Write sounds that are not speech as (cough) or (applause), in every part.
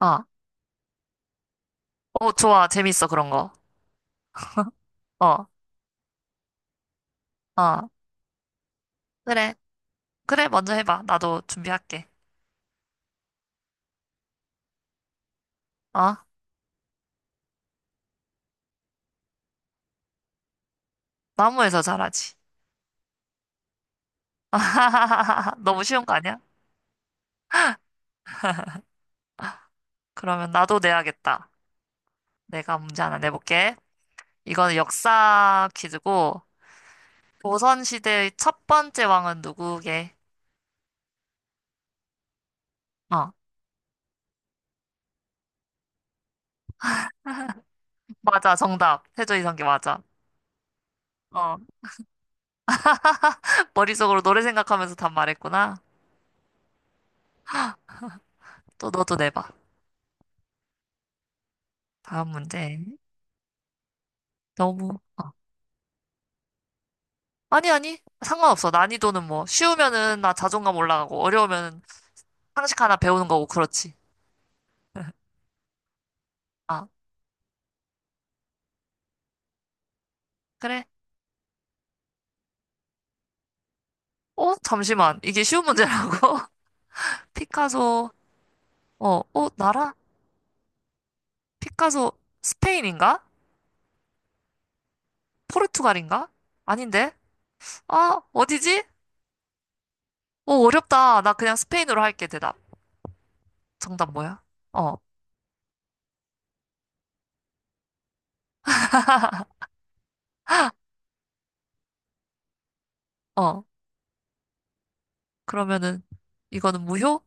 어, 어, 좋아. 재밌어, 그런 거. 어, 어. 그래. 그래, 먼저 해봐. 나도 준비할게. 어? 나무에서 자라지. (laughs) 너무 쉬운 거 아니야? 그러면 나도 내야겠다. 내가 문제 하나 내볼게. 이거는 역사 퀴즈고, 조선시대의 첫 번째 왕은 누구게? 어, 맞아. 정답. 세조 이성계 맞아. 어, (laughs) 머릿속으로 노래 생각하면서 답 말했구나. 또 너도 내봐. 다음 문제. 너무. 아니, 아니. 상관없어. 난이도는 뭐, 쉬우면은 나 자존감 올라가고, 어려우면은 상식 하나 배우는 거고, 그렇지. 아, 그래? 어? 잠시만. 이게 쉬운 문제라고? (laughs) 피카소, 어, 어, 나라? 피카소, 스페인인가? 포르투갈인가? 아닌데? 아, 어디지? 어, 어렵다. 나 그냥 스페인으로 할게, 대답. 정답 뭐야? 어, 어. 그러면은, 이거는 무효?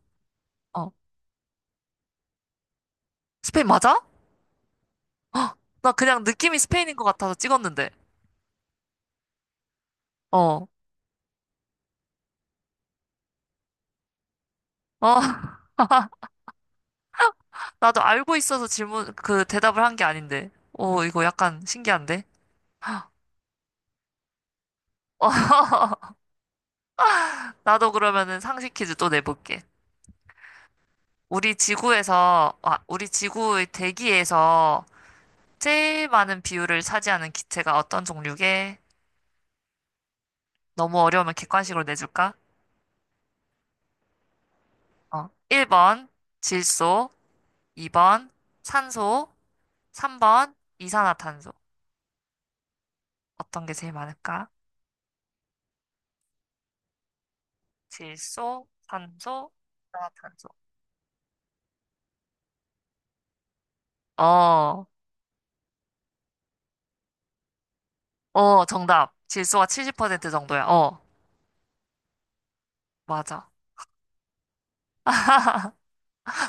어. 스페인 맞아? 헉, 나 그냥 느낌이 스페인인 것 같아서 찍었는데. 어, 어. (laughs) 나도 알고 있어서 질문, 그 대답을 한 게 아닌데. 오, 이거 약간 신기한데? (laughs) 나도 그러면은 상식 퀴즈 또 내볼게. 우리 지구의 대기에서 제일 많은 비율을 차지하는 기체가 어떤 종류게? 너무 어려우면 객관식으로 내줄까? 어, 1번 질소, 2번 산소, 3번 이산화탄소. 어떤 게 제일 많을까? 질소, 산소, 이산화탄소. 어, 어, 정답. 질소가 70% 정도야. 어, 맞아. (laughs)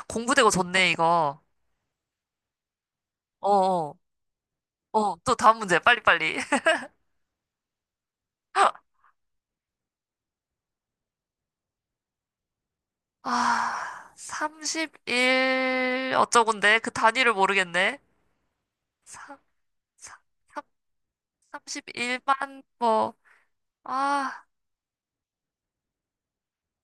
공부되고 좋네, 이거. 어, 어, 어, 또 다음 문제. 빨리빨리. (laughs) 아, 31 어쩌군데? 그 단위를 모르겠네. 3, 3, 31만, 뭐, 아,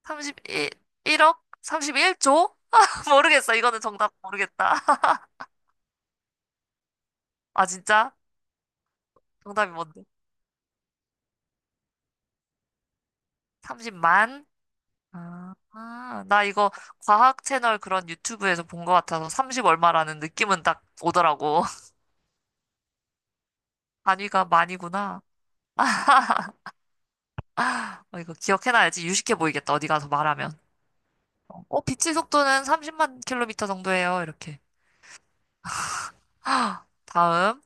31, 1억? 31조? (laughs) 모르겠어. 이거는 정답 모르겠다. (laughs) 아, 진짜? 정답이 뭔데? 30만? 아, 아, 나 이거 과학 채널 그런 유튜브에서 본 것 같아서 30 얼마라는 느낌은 딱 오더라고. (laughs) 단위가 만이구나. 어, 이거 기억해놔야지 유식해 보이겠다. 어디 가서 말하면. 어, 빛의 속도는 30만 킬로미터 정도예요. 이렇게. 다음.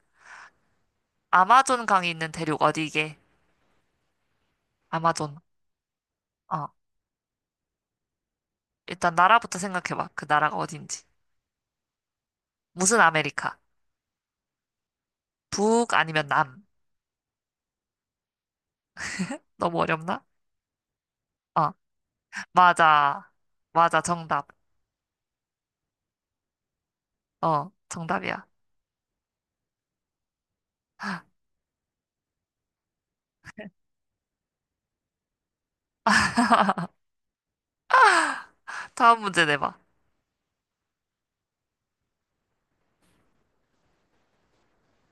아마존 강이 있는 대륙 어디게? 아마존. 어, 일단 나라부터 생각해봐. 그 나라가 어딘지. 무슨 아메리카? 북 아니면 남? 너무 어렵나? 어, 맞아. 맞아. 정답. 어, 정답이야. 다음 문제 내봐.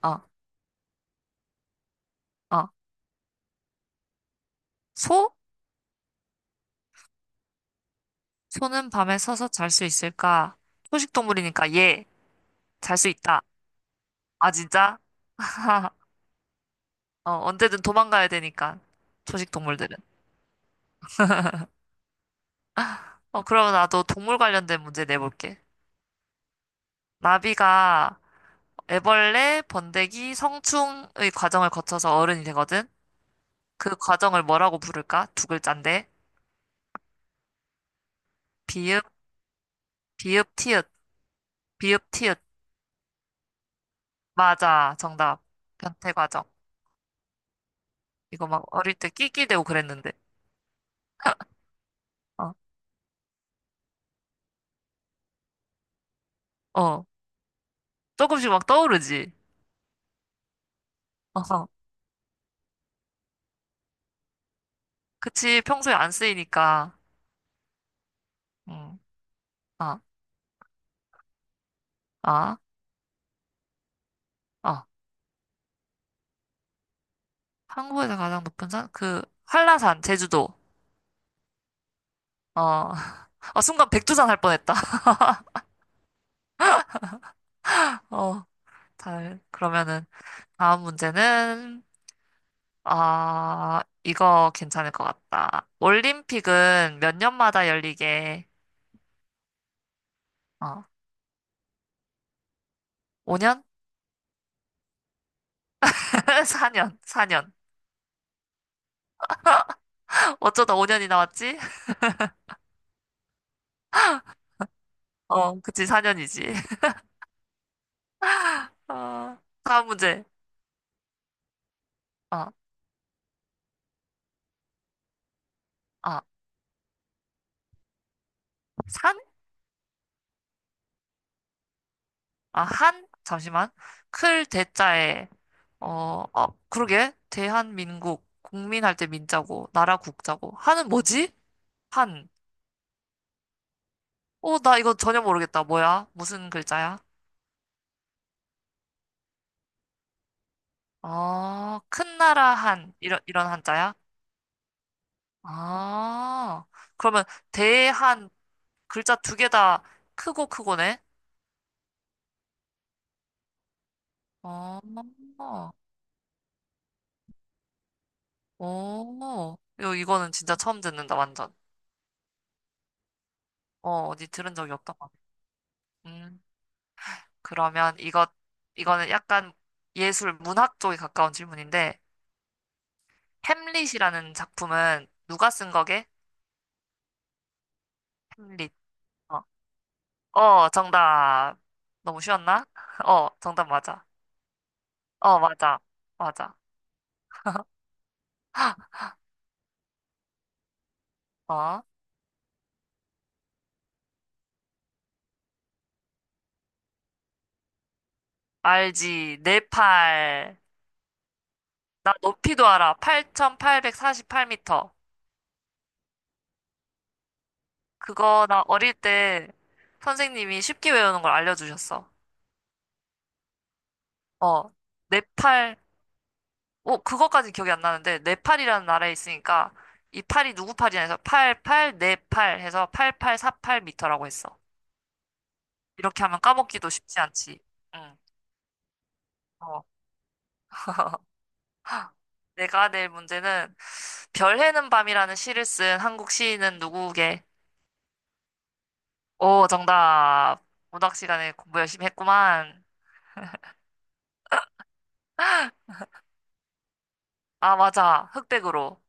어. 어. 소? 소는 밤에 서서 잘 수 있을까? 초식 동물이니까 예, 잘 수 있다. 아, 진짜? (laughs) 어, 언제든 도망가야 되니까, 초식 동물들은. 어, 그럼 나도 동물 관련된 문제 내볼게. 나비가 애벌레, 번데기, 성충의 과정을 거쳐서 어른이 되거든? 그 과정을 뭐라고 부를까? 두 글자인데. 비읍, 비읍, 티읕, 비읍, 티읕. 맞아, 정답. 변태 과정. 이거 막 어릴 때 낄낄대고 그랬는데. (laughs) 어, 어. 조금씩 막 떠오르지? 어허. 그치, 평소에 안 쓰이니까. 음, 아, 아, 어. 한국에서 가장 높은 산? 그, 한라산, 제주도. 어, (laughs) 아 순간 백두산 할 뻔했다. (laughs) 어, 그러면은, 다음 문제는, 아, 이거 괜찮을 것 같다. 올림픽은 몇 년마다 열리게, 어, 5년? 4년, 4년. (laughs) 어쩌다 5년이 나왔지? (laughs) 어, 그치, 4년이지. (laughs) 어, 다음 문제. 어, 아, 아, 한? 잠시만. 클 대자에, 어, 어, 그러게. 대한민국, 국민 할 때 민자고, 나라 국자고. 한은 뭐지? 한. 어, 나 이거 전혀 모르겠다. 뭐야? 무슨 글자야? 어, 큰 나라 한. 이런 한자야? 아, 그러면 대한, 글자 두 개 다 크고 크고네? 어, 어, 어, 이거는 진짜 처음 듣는다, 완전. 어, 어디 들은 적이 없다. 그러면 이거는 약간 예술 문학 쪽에 가까운 질문인데, 햄릿이라는 작품은 누가 쓴 거게? 햄릿. 어, 어, 정답. 너무 쉬웠나? (laughs) 어, 정답 맞아. 어, 맞아. 맞아. 어, 알지. 내 팔. 나 높이도 알아. 8,848m. 그거 나 어릴 때 선생님이 쉽게 외우는 걸 알려주셨어. 어, 내 팔. 어, 그거까지 기억이 안 나는데, 네팔이라는 나라에 있으니까, 이 팔이 누구 팔이냐 해서, 88, 네팔 해서 8 8 4 8터라고 했어. 이렇게 하면 까먹기도 쉽지 않지. 응. 어. (laughs) 내가 낼 문제는, 별 해는 밤이라는 시를 쓴 한국 시인은 누구게? 오, 정답. 문학 시간에 공부 열심히 했구만. 아, 맞아. 흑백으로.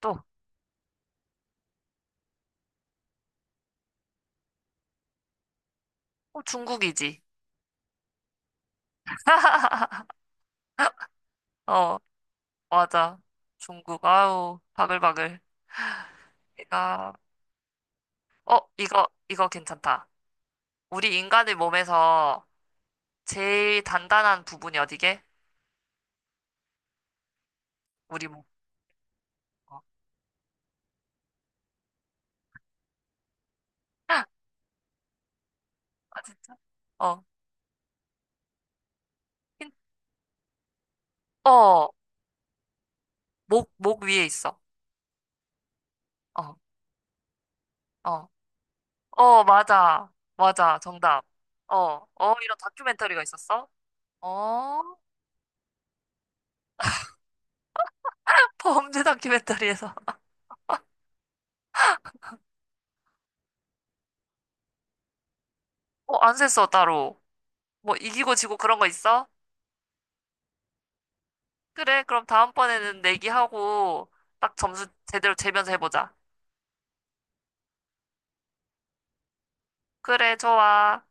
또, 어, 중국이지. (laughs) 어, 맞아. 중국, 아우, 바글바글. 내가, 어, 이거 괜찮다. 우리 인간의 몸에서 제일 단단한 부분이 어디게? 우리 목. 어. (laughs) 아, 진짜? 어, 힌- 어, 목 위에 있어. 어, 어, 어, 맞아. 맞아. 정답. 어, 어, 이런 다큐멘터리가 있었어? 어, (laughs) 범죄 다큐멘터리에서. 어, 안 셌어, 따로. 뭐, 이기고 지고 그런 거 있어? 그래, 그럼 다음번에는 내기하고, 딱 점수 제대로 재면서 해보자. 그래, 좋아.